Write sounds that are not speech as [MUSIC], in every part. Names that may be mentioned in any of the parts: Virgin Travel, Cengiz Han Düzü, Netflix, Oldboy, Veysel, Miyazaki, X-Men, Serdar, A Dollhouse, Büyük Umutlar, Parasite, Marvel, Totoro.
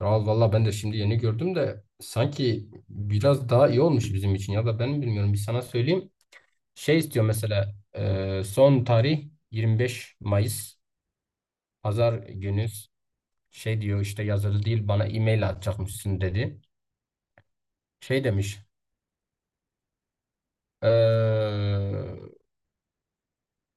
Kral valla ben de şimdi yeni gördüm de sanki biraz daha iyi olmuş bizim için ya da ben mi bilmiyorum bir sana söyleyeyim. Şey istiyor mesela son tarih 25 Mayıs pazar günü şey diyor işte yazılı değil bana e-mail atacakmışsın dedi. Şey demiş e,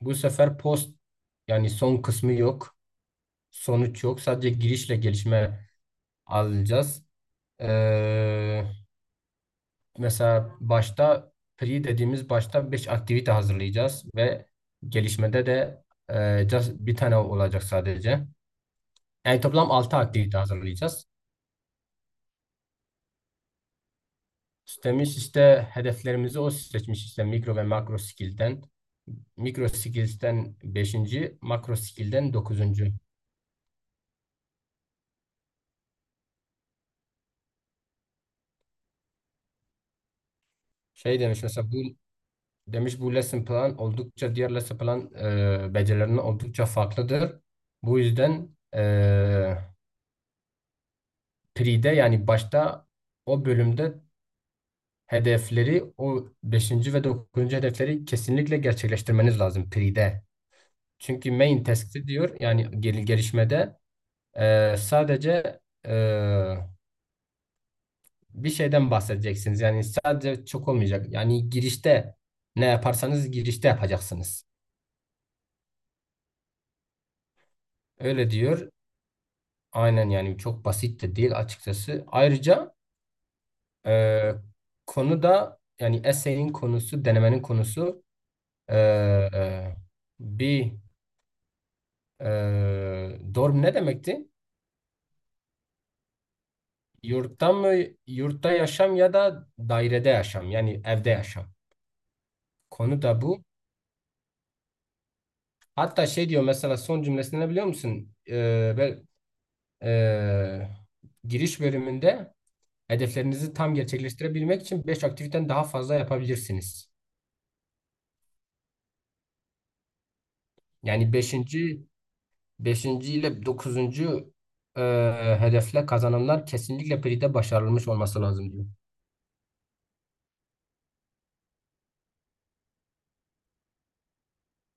bu sefer post yani son kısmı yok sonuç yok sadece girişle gelişme alacağız. E, mesela başta pre dediğimiz başta 5 aktivite hazırlayacağız ve gelişmede de just bir tane olacak sadece. Yani toplam 6 aktivite hazırlayacağız. İstemiş işte hedeflerimizi o seçmiş işte mikro ve makro skill'den. Mikro skills'ten beşinci, makro skill'den dokuzuncu. Şey demiş mesela bu lesson plan oldukça diğer lesson plan becerilerine oldukça farklıdır. Bu yüzden e, Pre'de yani başta o bölümde hedefleri o beşinci ve dokuzuncu hedefleri kesinlikle gerçekleştirmeniz lazım Pre'de. Çünkü main task'te diyor yani gelişmede sadece e, bir şeyden bahsedeceksiniz. Yani sadece çok olmayacak. Yani girişte ne yaparsanız girişte yapacaksınız. Öyle diyor. Aynen yani çok basit de değil açıkçası. Ayrıca e, konu da yani essay'in konusu, denemenin konusu. Ee, bir dorm ne demekti? Yurtta mı, yurtta yaşam ya da dairede yaşam yani evde yaşam. Konu da bu. Hatta şey diyor mesela son cümlesini ne biliyor musun? Ee, giriş bölümünde hedeflerinizi tam gerçekleştirebilmek için 5 aktiviten daha fazla yapabilirsiniz. Yani beşinci ile dokuzuncu hedefle kazanımlar kesinlikle PRI'de başarılmış olması lazım diyor.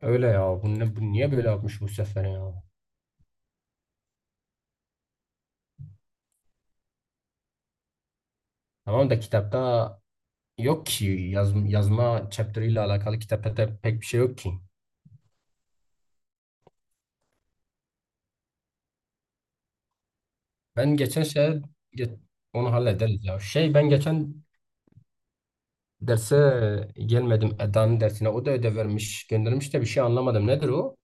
Öyle ya. Bu niye böyle yapmış bu sefer ya? Tamam da kitapta yok ki yazma chapter ile alakalı kitapta da pek bir şey yok ki. Ben geçen şey ge- onu hallederiz ya. Şey ben geçen derse gelmedim Eda'nın dersine. O da ödev vermiş, göndermiş de bir şey anlamadım. Nedir o?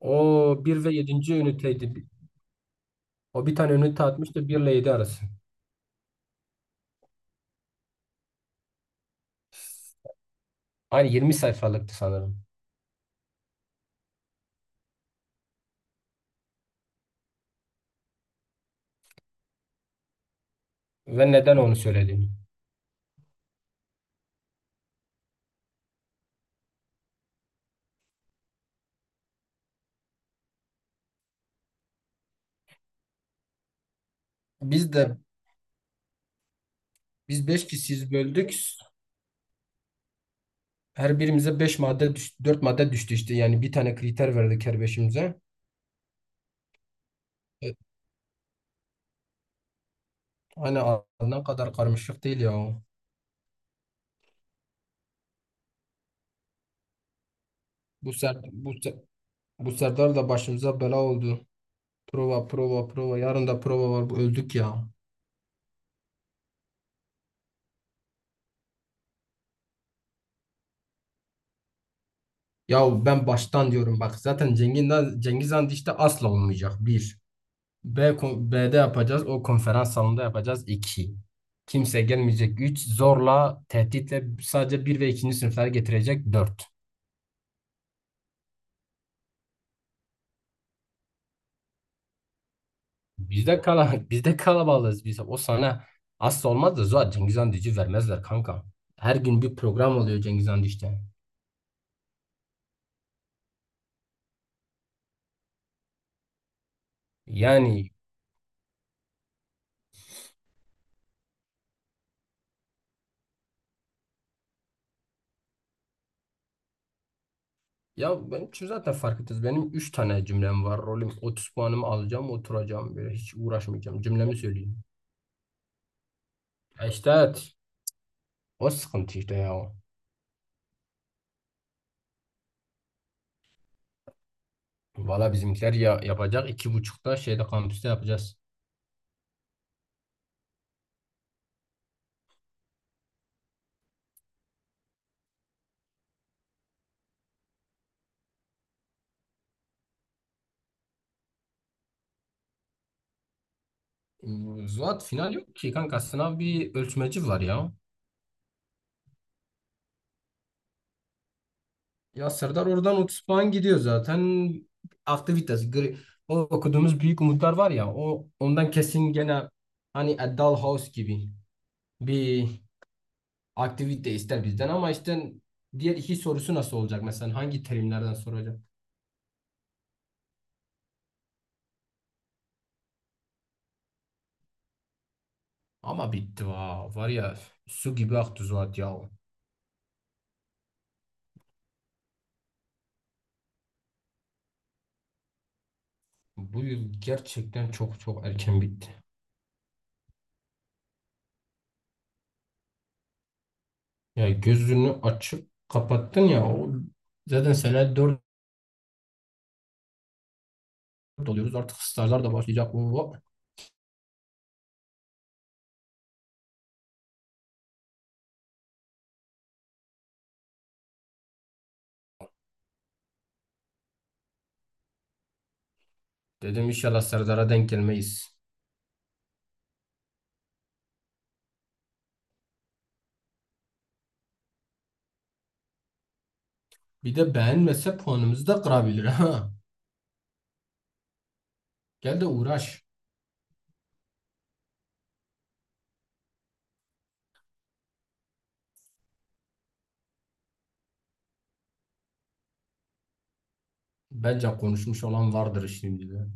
O bir ve yedinci üniteydi. O bir tane ünite atmıştı 1 ile 7 arası. Aynı 20 sayfalıktı sanırım. Ve neden onu söyledim? Biz de biz 5 kişiyiz böldük. Her birimize 5 madde düştü, 4 madde düştü işte. Yani bir tane kriter verdik her beşimize. E, Hani ne kadar karmaşık değil ya. Bu ser, bu, Se- bu Serdar da başımıza bela oldu. Prova, prova, prova. Yarın da prova var. Bu öldük ya. Ya ben baştan diyorum bak. Zaten Cengiz Han işte asla olmayacak. Bir. B'de yapacağız. O konferans salonunda yapacağız. İki. Kimse gelmeyecek. Üç. Zorla, tehditle sadece bir ve ikinci sınıflar getirecek. Dört. Bizde kala [LAUGHS] bizde kalabalığız biz. O sana asla olmaz da zaten Cengiz Han Düzü vermezler kanka. Her gün bir program oluyor Cengiz Han Düzü'de. Yani ya ben şu zaten fark ettiniz. Benim 3 tane cümlem var. Rolüm 30 puanımı alacağım, oturacağım böyle hiç uğraşmayacağım. Cümlemi söyleyeyim. İşte evet. O sıkıntı işte ya. Valla bizimkiler ya yapacak iki buçukta şeyde kampüste yapacağız. Zuhat final yok ki kanka sınav bir ölçmeci var ya. Ya Serdar oradan 30 puan gidiyor zaten. Aktivitas. O okuduğumuz Büyük Umutlar var ya o ondan kesin gene hani A Dollhouse gibi bir aktivite ister bizden ama işte diğer iki sorusu nasıl olacak mesela hangi terimlerden soracak? Ama bitti va. Var ya su gibi aktı Zuhat ya. Bu yıl gerçekten çok çok erken bitti. Ya gözünü açıp kapattın ya o zaten sene 4 oluyoruz artık stajlar da başlayacak. Oo, dedim inşallah Serdar'a denk gelmeyiz. Bir de beğenmese puanımızı da kırabilir ha. Gel de uğraş. Bence konuşmuş olan vardır şimdi de.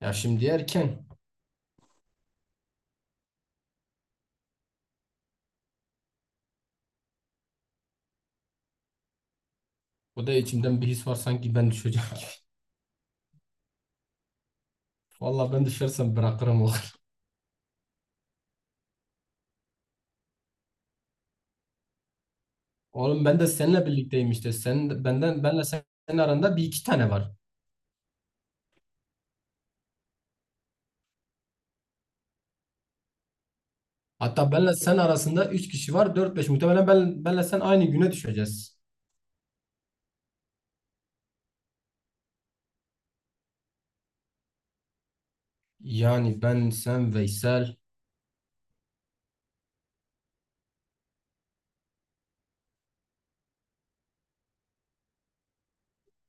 Ya şimdi erken. O da içimden bir his var sanki ben düşeceğim gibi. [LAUGHS] Vallahi ben düşersem bırakırım o. [LAUGHS] Oğlum ben de seninle birlikteyim işte. Sen benden benle senin aranda bir iki tane var. Hatta benle sen arasında üç kişi var. Dört beş muhtemelen benle sen aynı güne düşeceğiz. Yani ben sen Veysel.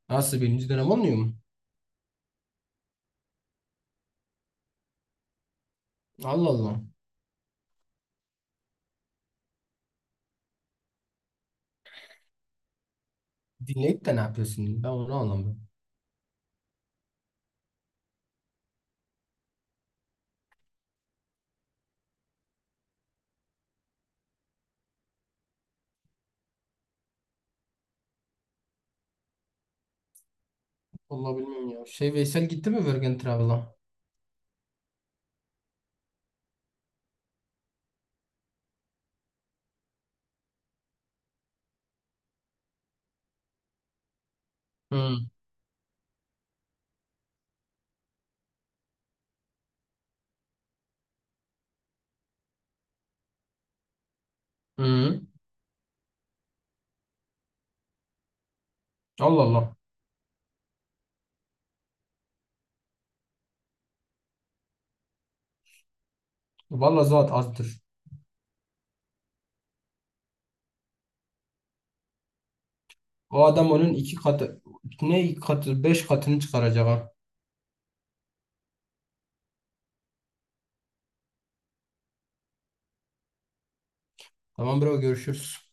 Nasıl birinci dönem olmuyor mu? Allah Allah. Dinleyip de ne yapıyorsun? Ben onu anlamıyorum. Vallahi bilmiyorum ya. Şey Veysel gitti mi Virgin Travel'a? Hı. Hı. Allah Allah. Vallahi zat azdır. O adam onun iki katı, ne iki katı, beş katını çıkaracak ha. Tamam bro görüşürüz.